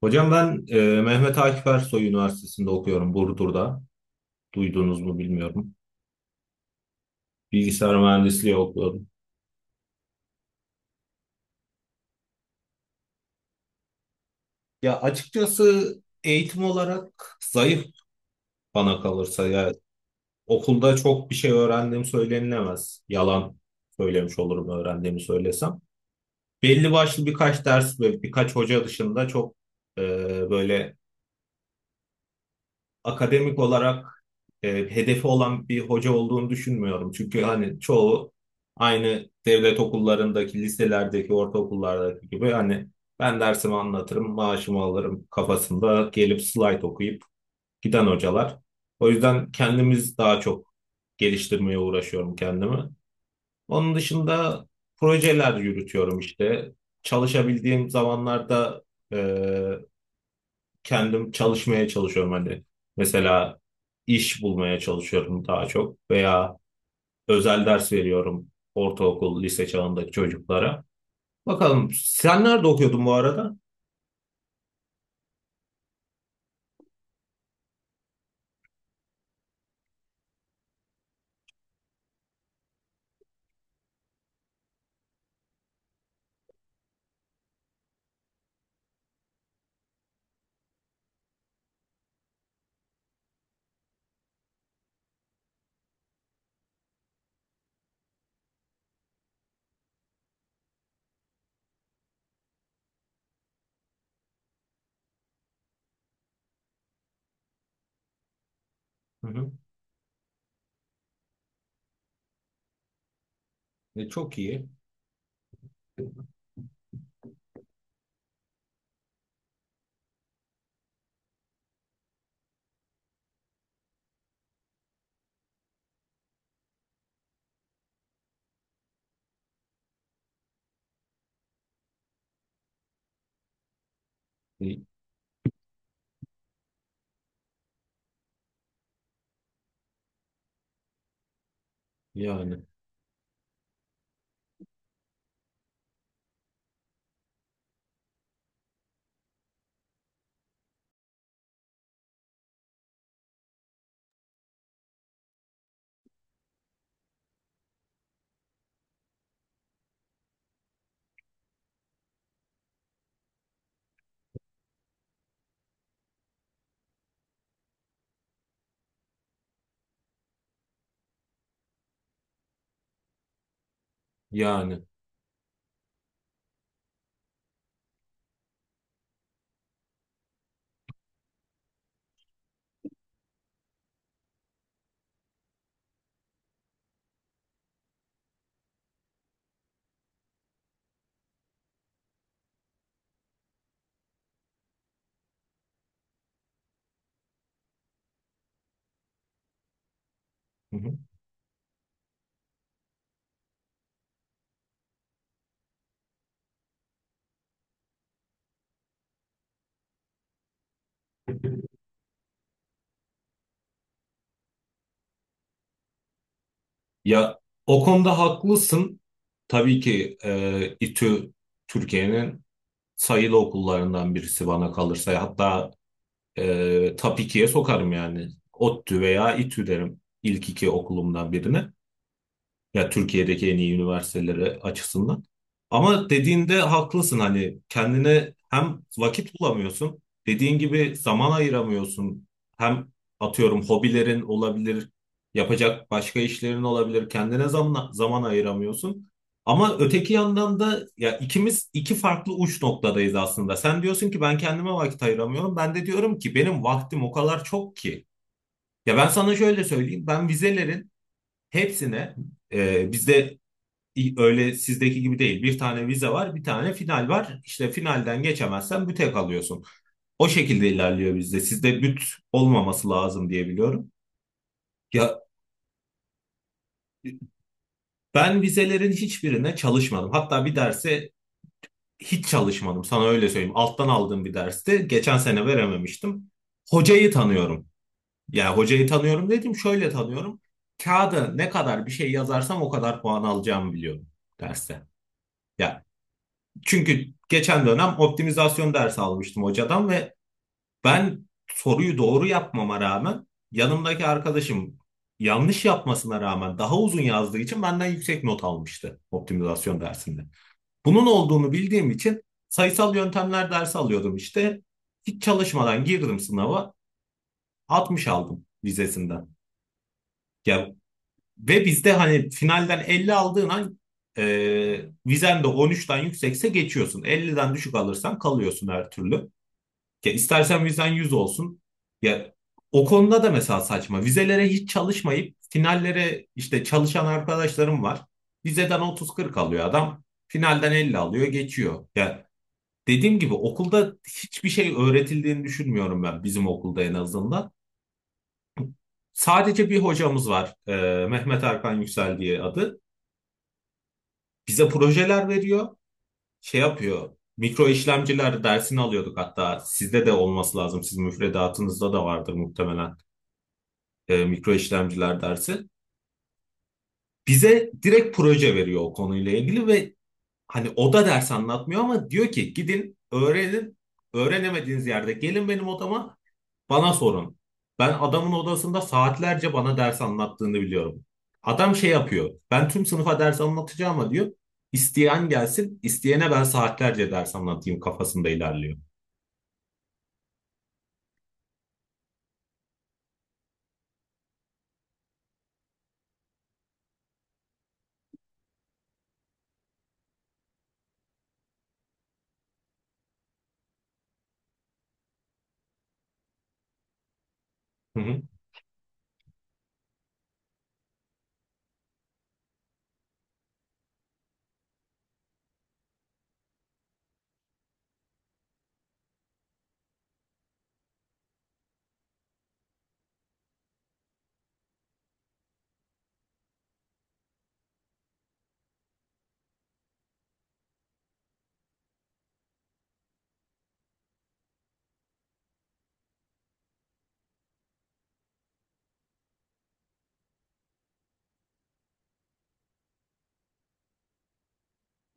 Hocam ben Mehmet Akif Ersoy Üniversitesi'nde okuyorum Burdur'da. Duydunuz mu bilmiyorum. Bilgisayar mühendisliği okuyorum. Ya açıkçası eğitim olarak zayıf bana kalırsa ya okulda çok bir şey öğrendiğim söylenilemez. Yalan söylemiş olurum öğrendiğimi söylesem. Belli başlı birkaç ders ve birkaç hoca dışında çok e, böyle akademik olarak e, hedefi olan bir hoca olduğunu düşünmüyorum. Çünkü hani çoğu aynı devlet okullarındaki, liselerdeki, ortaokullardaki gibi hani ben dersimi anlatırım, maaşımı alırım kafasında gelip slayt okuyup giden hocalar. O yüzden kendimiz daha çok geliştirmeye uğraşıyorum kendimi. Onun dışında projeler yürütüyorum işte. Çalışabildiğim zamanlarda e, kendim çalışmaya çalışıyorum hani. Mesela iş bulmaya çalışıyorum daha çok veya özel ders veriyorum ortaokul, lise çağındaki çocuklara. Bakalım sen nerede okuyordun bu arada? Hı hı. E, çok iyi. Y- Yani, yani. Hı hı. Ya o konuda haklısın. Tabii ki İTÜ Türkiye'nin sayılı okullarından birisi bana kalırsa. Hatta top 2'ye sokarım yani. ODTÜ veya İTÜ derim ilk iki okulumdan birine. Ya Türkiye'deki en iyi üniversitelere açısından. Ama dediğinde haklısın hani kendine hem vakit bulamıyorsun, dediğin gibi zaman ayıramıyorsun. Hem atıyorum hobilerin olabilir, yapacak başka işlerin olabilir. Kendine zaman zaman ayıramıyorsun. Ama öteki yandan da ya ikimiz iki farklı uç noktadayız aslında. Sen diyorsun ki ben kendime vakit ayıramıyorum. Ben de diyorum ki benim vaktim o kadar çok ki. Ya ben sana şöyle söyleyeyim. Ben vizelerin hepsine bizde öyle sizdeki gibi değil. Bir tane vize var, bir tane final var. İşte finalden geçemezsen büte kalıyorsun. O şekilde ilerliyor bizde. Sizde büt olmaması lazım diye biliyorum. Ya ben vizelerin hiçbirine çalışmadım. Hatta bir derse hiç çalışmadım. Sana öyle söyleyeyim. Alttan aldığım bir derste geçen sene verememiştim. Hocayı tanıyorum. Yani hocayı tanıyorum dedim. Şöyle tanıyorum. Kağıda ne kadar bir şey yazarsam o kadar puan alacağımı biliyorum derste. Ya, çünkü geçen dönem optimizasyon dersi almıştım hocadan ve ben soruyu doğru yapmama rağmen yanımdaki arkadaşım yanlış yapmasına rağmen daha uzun yazdığı için benden yüksek not almıştı optimizasyon dersinde. Bunun olduğunu bildiğim için sayısal yöntemler dersi alıyordum işte. Hiç çalışmadan girdim sınava, 60 aldım vizesinden. Ya, ve bizde hani finalden 50 aldığın an e, vizen de 13'ten yüksekse geçiyorsun. 50'den düşük alırsan kalıyorsun her türlü. Ya istersen vizen 100 olsun. Ya o konuda da mesela saçma. Vizelere hiç çalışmayıp finallere işte çalışan arkadaşlarım var. Vizeden 30-40 alıyor adam. Finalden 50 alıyor, geçiyor. Ya dediğim gibi okulda hiçbir şey öğretildiğini düşünmüyorum ben bizim okulda en azından. Sadece bir hocamız var. Mehmet Erkan Yüksel diye adı. Bize projeler veriyor. Şey yapıyor. Mikro işlemciler dersini alıyorduk hatta. Sizde de olması lazım. Sizin müfredatınızda da vardır muhtemelen. E, mikro işlemciler dersi. Bize direkt proje veriyor o konuyla ilgili ve hani o da ders anlatmıyor ama diyor ki gidin öğrenin. Öğrenemediğiniz yerde gelin benim odama bana sorun. Ben adamın odasında saatlerce bana ders anlattığını biliyorum. Adam şey yapıyor. Ben tüm sınıfa ders anlatacağım ama diyor. İsteyen gelsin, isteyene ben saatlerce ders anlatayım kafasında ilerliyor. Hı hı.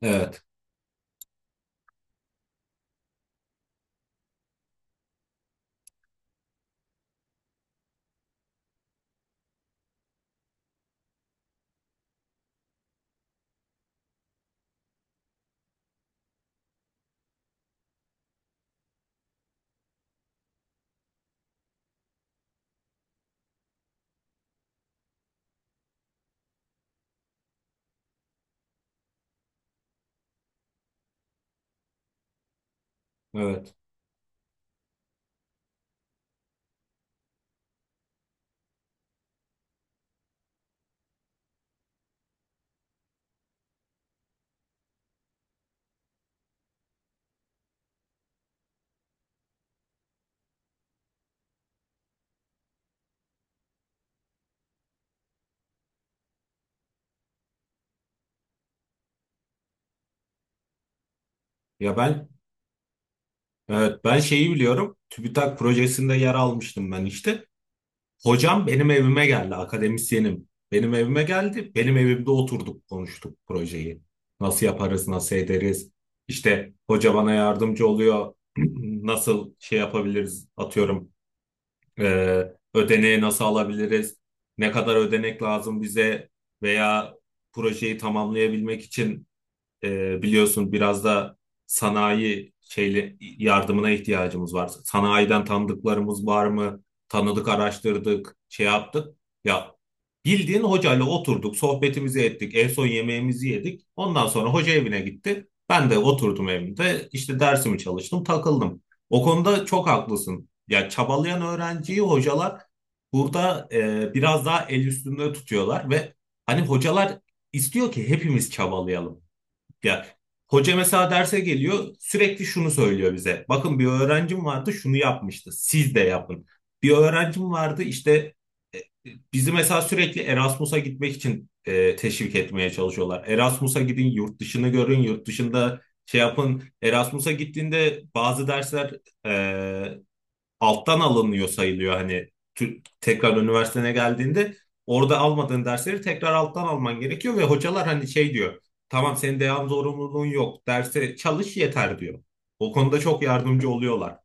Evet, evet. Ya ben Evet, ben şeyi biliyorum. TÜBİTAK projesinde yer almıştım ben işte. Hocam benim evime geldi, akademisyenim. Benim evime geldi, benim evimde oturduk, konuştuk projeyi. Nasıl yaparız, nasıl ederiz? İşte hoca bana yardımcı oluyor. Nasıl şey yapabiliriz, atıyorum. e, Ödeneği nasıl alabiliriz? Ne kadar ödenek lazım bize? Veya projeyi tamamlayabilmek için biliyorsun biraz da sanayi şeyle yardımına ihtiyacımız var. Sanayiden tanıdıklarımız var mı? Tanıdık, araştırdık, şey yaptık. Ya bildiğin hocayla oturduk, sohbetimizi ettik, en son yemeğimizi yedik. Ondan sonra hoca evine gitti. Ben de oturdum evimde, işte dersimi çalıştım, takıldım. O konuda çok haklısın. Ya çabalayan öğrenciyi hocalar burada biraz daha el üstünde tutuyorlar ve hani hocalar istiyor ki hepimiz çabalayalım. Ya hoca mesela derse geliyor sürekli şunu söylüyor bize. Bakın bir öğrencim vardı şunu yapmıştı. Siz de yapın. Bir öğrencim vardı işte e, bizi mesela sürekli Erasmus'a gitmek için teşvik etmeye çalışıyorlar. Erasmus'a gidin, yurt dışını görün, yurt dışında şey yapın. Erasmus'a gittiğinde bazı dersler e, alttan alınıyor sayılıyor hani tekrar üniversitene geldiğinde orada almadığın dersleri tekrar alttan alman gerekiyor ve hocalar hani şey diyor, tamam senin devam zorunluluğun yok derse çalış yeter diyor. O konuda çok yardımcı oluyorlar.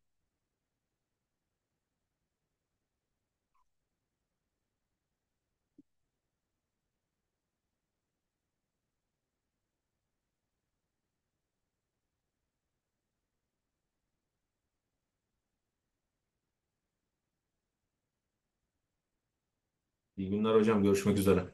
İyi günler hocam, görüşmek üzere.